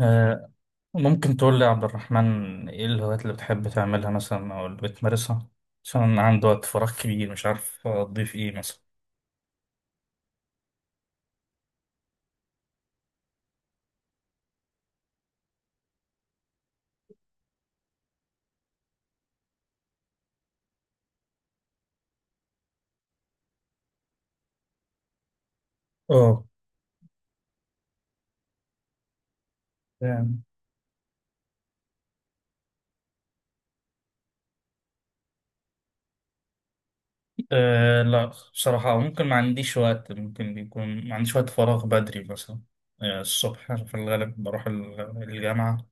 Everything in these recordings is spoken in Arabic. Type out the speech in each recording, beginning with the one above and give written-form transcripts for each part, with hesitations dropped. آه، ممكن تقول لي يا عبد الرحمن، ايه الهوايات اللي بتحب تعملها مثلا، او اللي بتمارسها؟ عشان أنا عندي وقت فراغ كبير، مش عارف اضيف ايه مثلا. اه، تمام. لا، بصراحة ممكن ما عنديش وقت، ممكن بيكون ما عنديش وقت فراغ بدري مثلا. الصبح أنا في الغالب بروح الجامعة،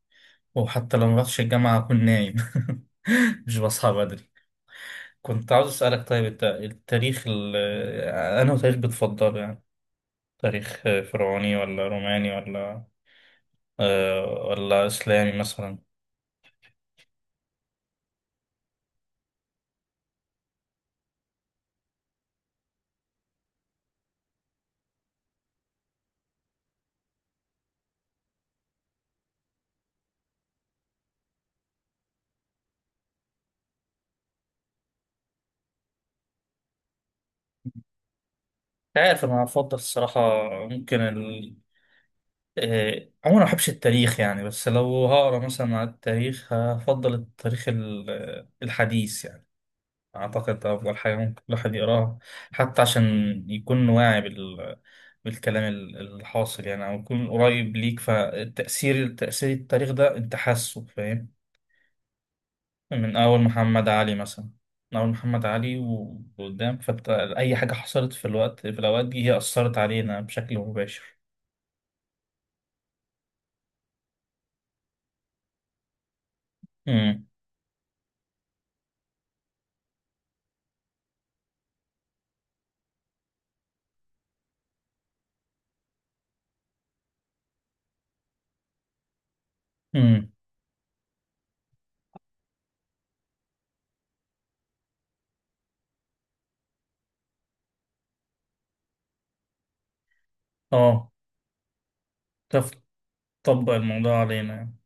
وحتى لو ما رحتش الجامعة أكون نايم. مش بصحى بدري. كنت عاوز أسألك، طيب التاريخ أنا تاريخ بتفضله يعني؟ تاريخ فرعوني ولا روماني ولا ولا إسلامي مثلا؟ مش عارف. أنا أفضل الصراحة. ممكن ال... عموما ما بحبش التاريخ يعني، بس لو هقرا مثلا على التاريخ هفضل التاريخ الحديث يعني. أعتقد ده أفضل حاجة ممكن الواحد يقراها، حتى عشان يكون واعي بالكلام الحاصل يعني، أو يكون قريب ليك. فالتأثير، تأثير التاريخ ده، أنت حاسه فاهم. من أول محمد علي مثلا. من أول محمد علي وقدام، فأي حاجة حصلت في في الأوقات دي هي أثرت علينا بشكل مباشر. امم امم اه، تف- تطبق الموضوع علينا يعني.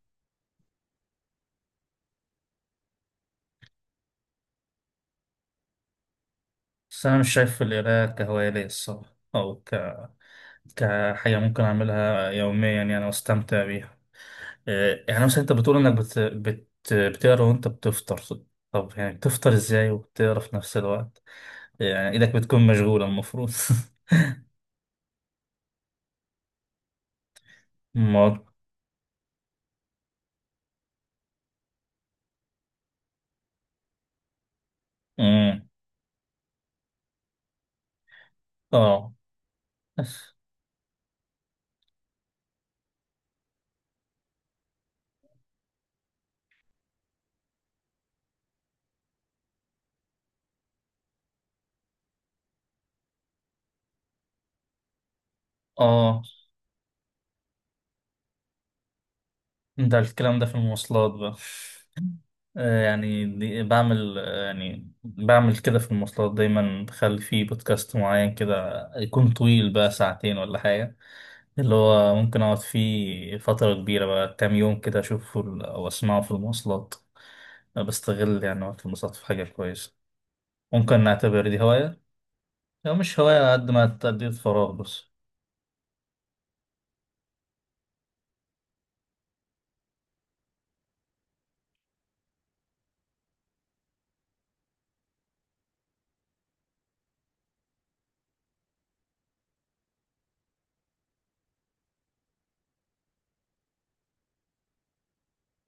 بس أنا مش شايف القراءة كهواية الصراحة، أو كحاجة ممكن أعملها يوميا يعني وأستمتع بيها. يعني مثلا أنت بتقول إنك بتقرا وأنت بتفطر. طب يعني بتفطر إزاي وبتقرا في نفس الوقت؟ يعني إيدك بتكون مشغولة المفروض. مم. اه، اه، ده الكلام ده في المواصلات بقى. يعني بعمل يعني بعمل كده في المواصلات دايما، بخلي فيه بودكاست معين كده يكون طويل بقى ساعتين ولا حاجة، اللي هو ممكن أقعد فيه فترة كبيرة بقى كام يوم كده، أشوفه أو أسمعه في المواصلات. بستغل يعني وقت المواصلات في حاجة كويسة. ممكن نعتبر دي هواية، أو مش هواية قد ما تأدية فراغ بس.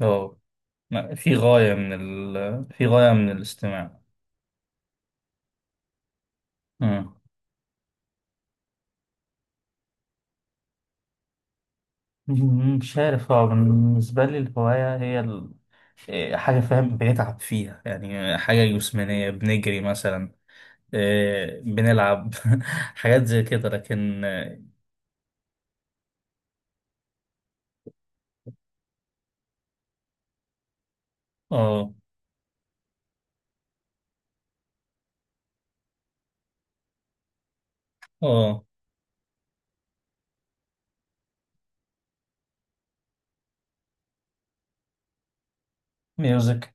أه في غاية من في غاية من الاستماع. مش عارف، هو بالنسبة لي الهواية هي حاجة فاهم بنتعب فيها يعني، حاجة جسمانية، بنجري مثلا، بنلعب. حاجات زي كده، لكن اه، اه، ميوزك.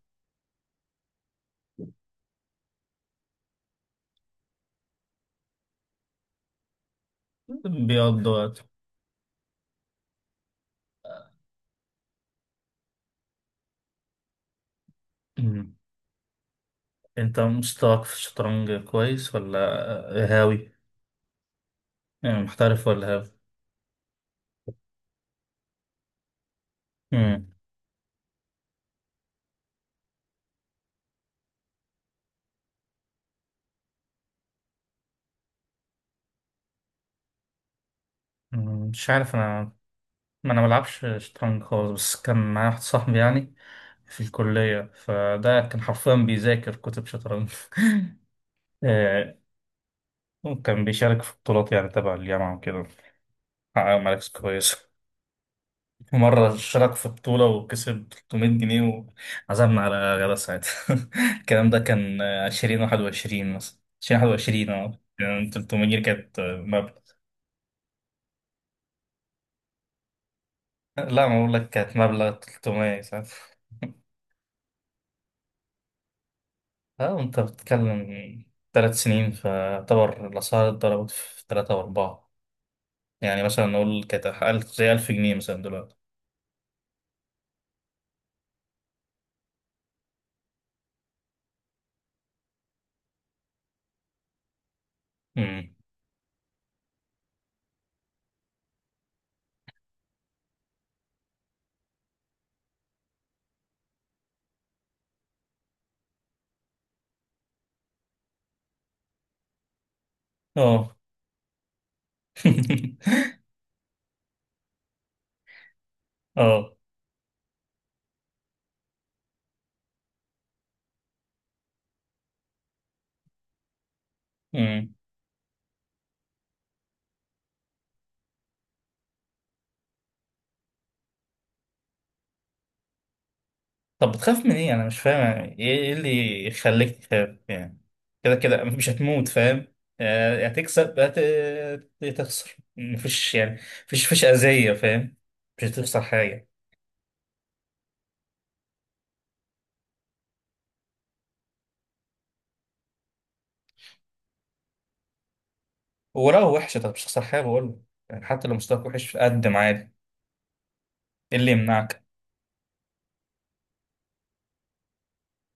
بيقضي وقت. أمم. انت مستواك في الشطرنج كويس ولا هاوي؟ يعني محترف ولا هاوي؟ أمم. مش عارف انا. ما انا بلعبش شطرنج خالص، بس كان معايا واحد صاحبي يعني في الكلية، فده كان حرفيا بيذاكر كتب شطرنج. آه، وكان بيشارك في بطولات يعني تبع الجامعة وكده. حقق مراكز كويسة. مرة شارك في بطولة وكسب 300 جنيه، وعزمنا على غدا ساعتها. الكلام ده كان 2021 مثلا. 2021، اه، كان 300 جنيه كانت مبلغ. لا، ما بقول لك كانت مبلغ 300 ساعتها. اه، انت بتتكلم 3 سنين، فاعتبر الاسعار اتضربت في ثلاثة واربعة. يعني مثلا نقول كانت ألف، زي ألف جنيه مثلا دلوقتي. امم اه. اه. امم طب بتخاف من ايه؟ انا مش فاهم، يعني ايه؟ إيه اللي يخليك تخاف يعني؟ كده كده مش هتموت فاهم. يا هتكسب يا يا تخسر، مفيش يعني. مفيش اذية فاهم. مش هتخسر حاجة. ولو وحش، طب مش هتخسر حاجة بقول لك. يعني حتى لو مستواك وحش قدم عادي، ايه اللي يمنعك؟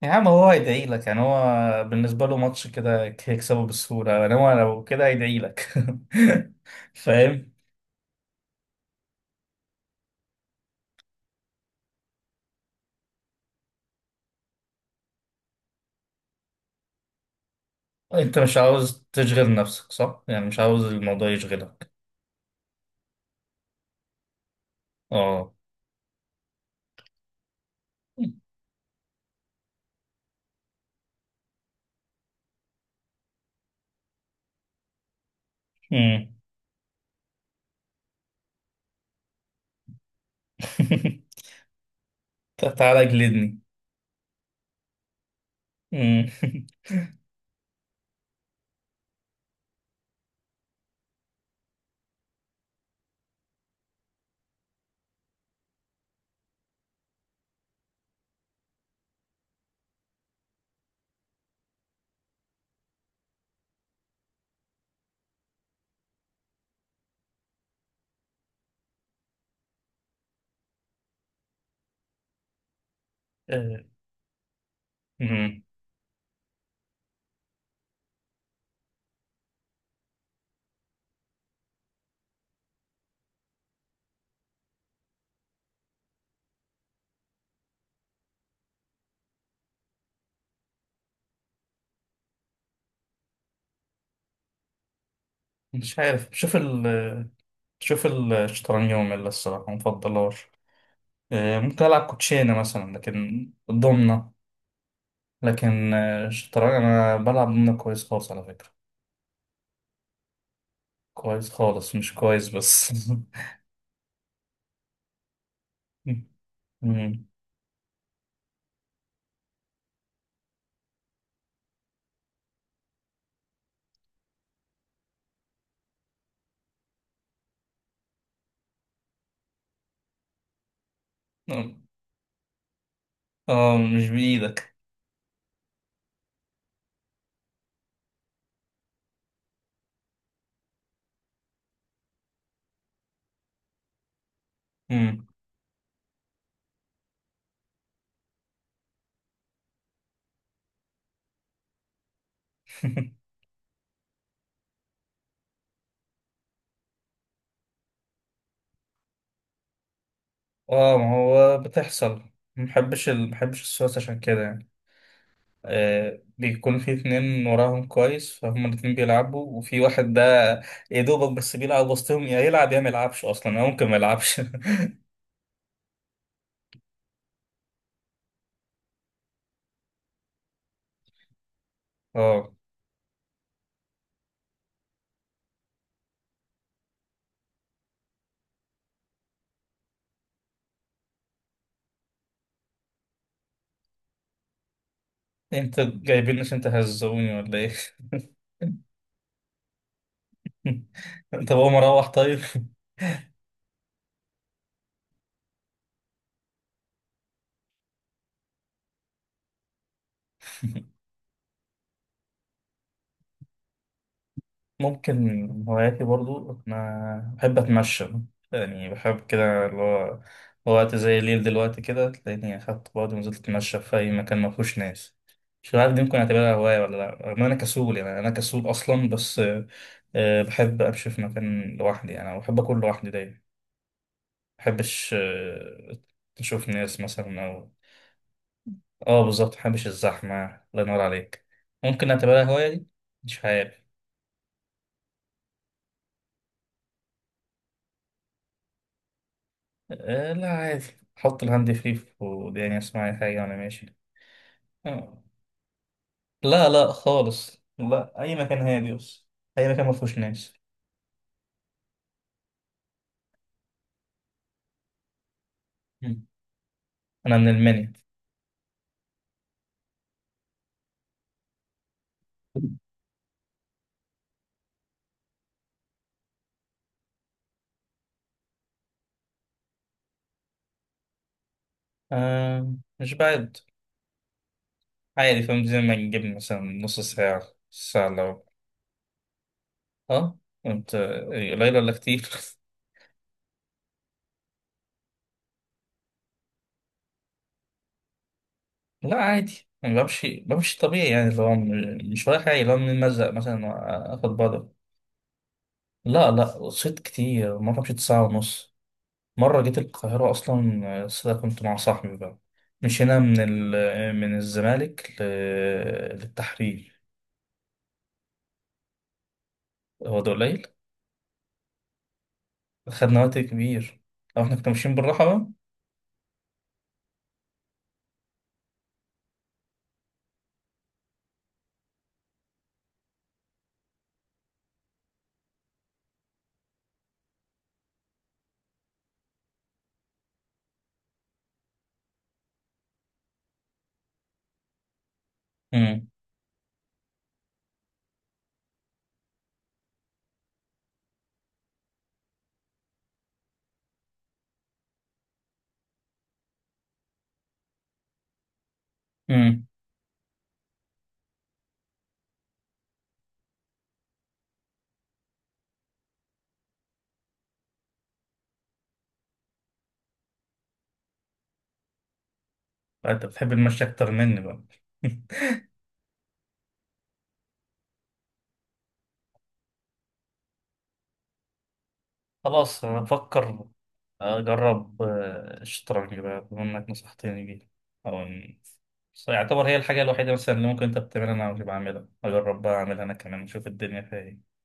يا عم هو هيدعي لك يعني. هو بالنسبة له ماتش كده هيكسبه بالسهولة، يعني هو لو كده هيدعي لك. فاهم. انت مش عاوز تشغل نفسك صح يعني، مش عاوز الموضوع يشغلك. اه. مم. تعالى جلدني. مم. آه، مم. مش عارف. شوف الشطرنج يوم الصراحة مفضلهاش. ممكن ألعب كوتشينة مثلا لكن ضمنة. لكن الشطرنج أنا بلعب ضمنة كويس خالص على فكرة. كويس خالص، مش كويس بس. مم. اه، مش بإيدك. مم. اه، ما هو بتحصل. محبش السويس عشان كده يعني. بيكون في اتنين وراهم كويس فهم، الاتنين بيلعبوا، وفي واحد ده، يا دوبك بس بيلعب وسطهم، يا يلعب يا ما يلعبش اصلا، او ممكن ما يلعبش. اه، انت جايبين عشان تهزوني ولا ايه؟ طب هو مروح طيب. ممكن هواياتي برضو، أنا بحب أتمشى. يعني بحب كده اللي هو، وقت زي الليل دلوقتي كده تلاقيني أخدت بعض ونزلت أتمشى في أي مكان ما فيهوش ناس. مش عارف دي ممكن أعتبرها هواية ولا لأ. رغم إن أنا كسول، يعني أنا كسول أصلا، بس بحب أمشي في مكان لوحدي. يعني أنا بحب أكون لوحدي دايما. مبحبش أشوف ناس مثلا أو... بالظبط، مبحبش الزحمة. الله ينور عليك. ممكن أعتبرها هواية دي. مش عارف. لا عادي، حط الهاند فري في وداني، اسمع اي حاجة وانا ماشي. آه. لا، لا خالص، لا، اي مكان هادي بس. اي مكان ما فيهوش ناس. مم. انا من المنيا. آه مش بعد. عادي، فاهم زي ما نجيب مثلا نص ساعة، ساعة لو. اه، انت قليل ولا كتير؟ لا عادي، انا بمشي طبيعي، يعني اللي هو مش رايح، عادي اللي هو من المزق مثلا اخد بعض. لا لا، صيد كتير. مرة مشيت ساعة ونص. مرة جيت القاهرة أصلا، بس ده كنت مع صاحبي بقى. مشينا من الزمالك للتحرير. هو ده قليل؟ خدنا وقت كبير لو احنا كنا ماشيين بالراحة بقى. امم امم انت بتحب المشي أكتر مني بقى. خلاص، أنا بفكر أجرب الشطرنج بقى بما إنك نصحتني بيه. أو إن- بس يعتبر هي الحاجة الوحيدة مثلا اللي ممكن أنت بتعملها أنا مش بعملها. أجرب بقى أعملها أنا كمان أشوف الدنيا فيها إيه.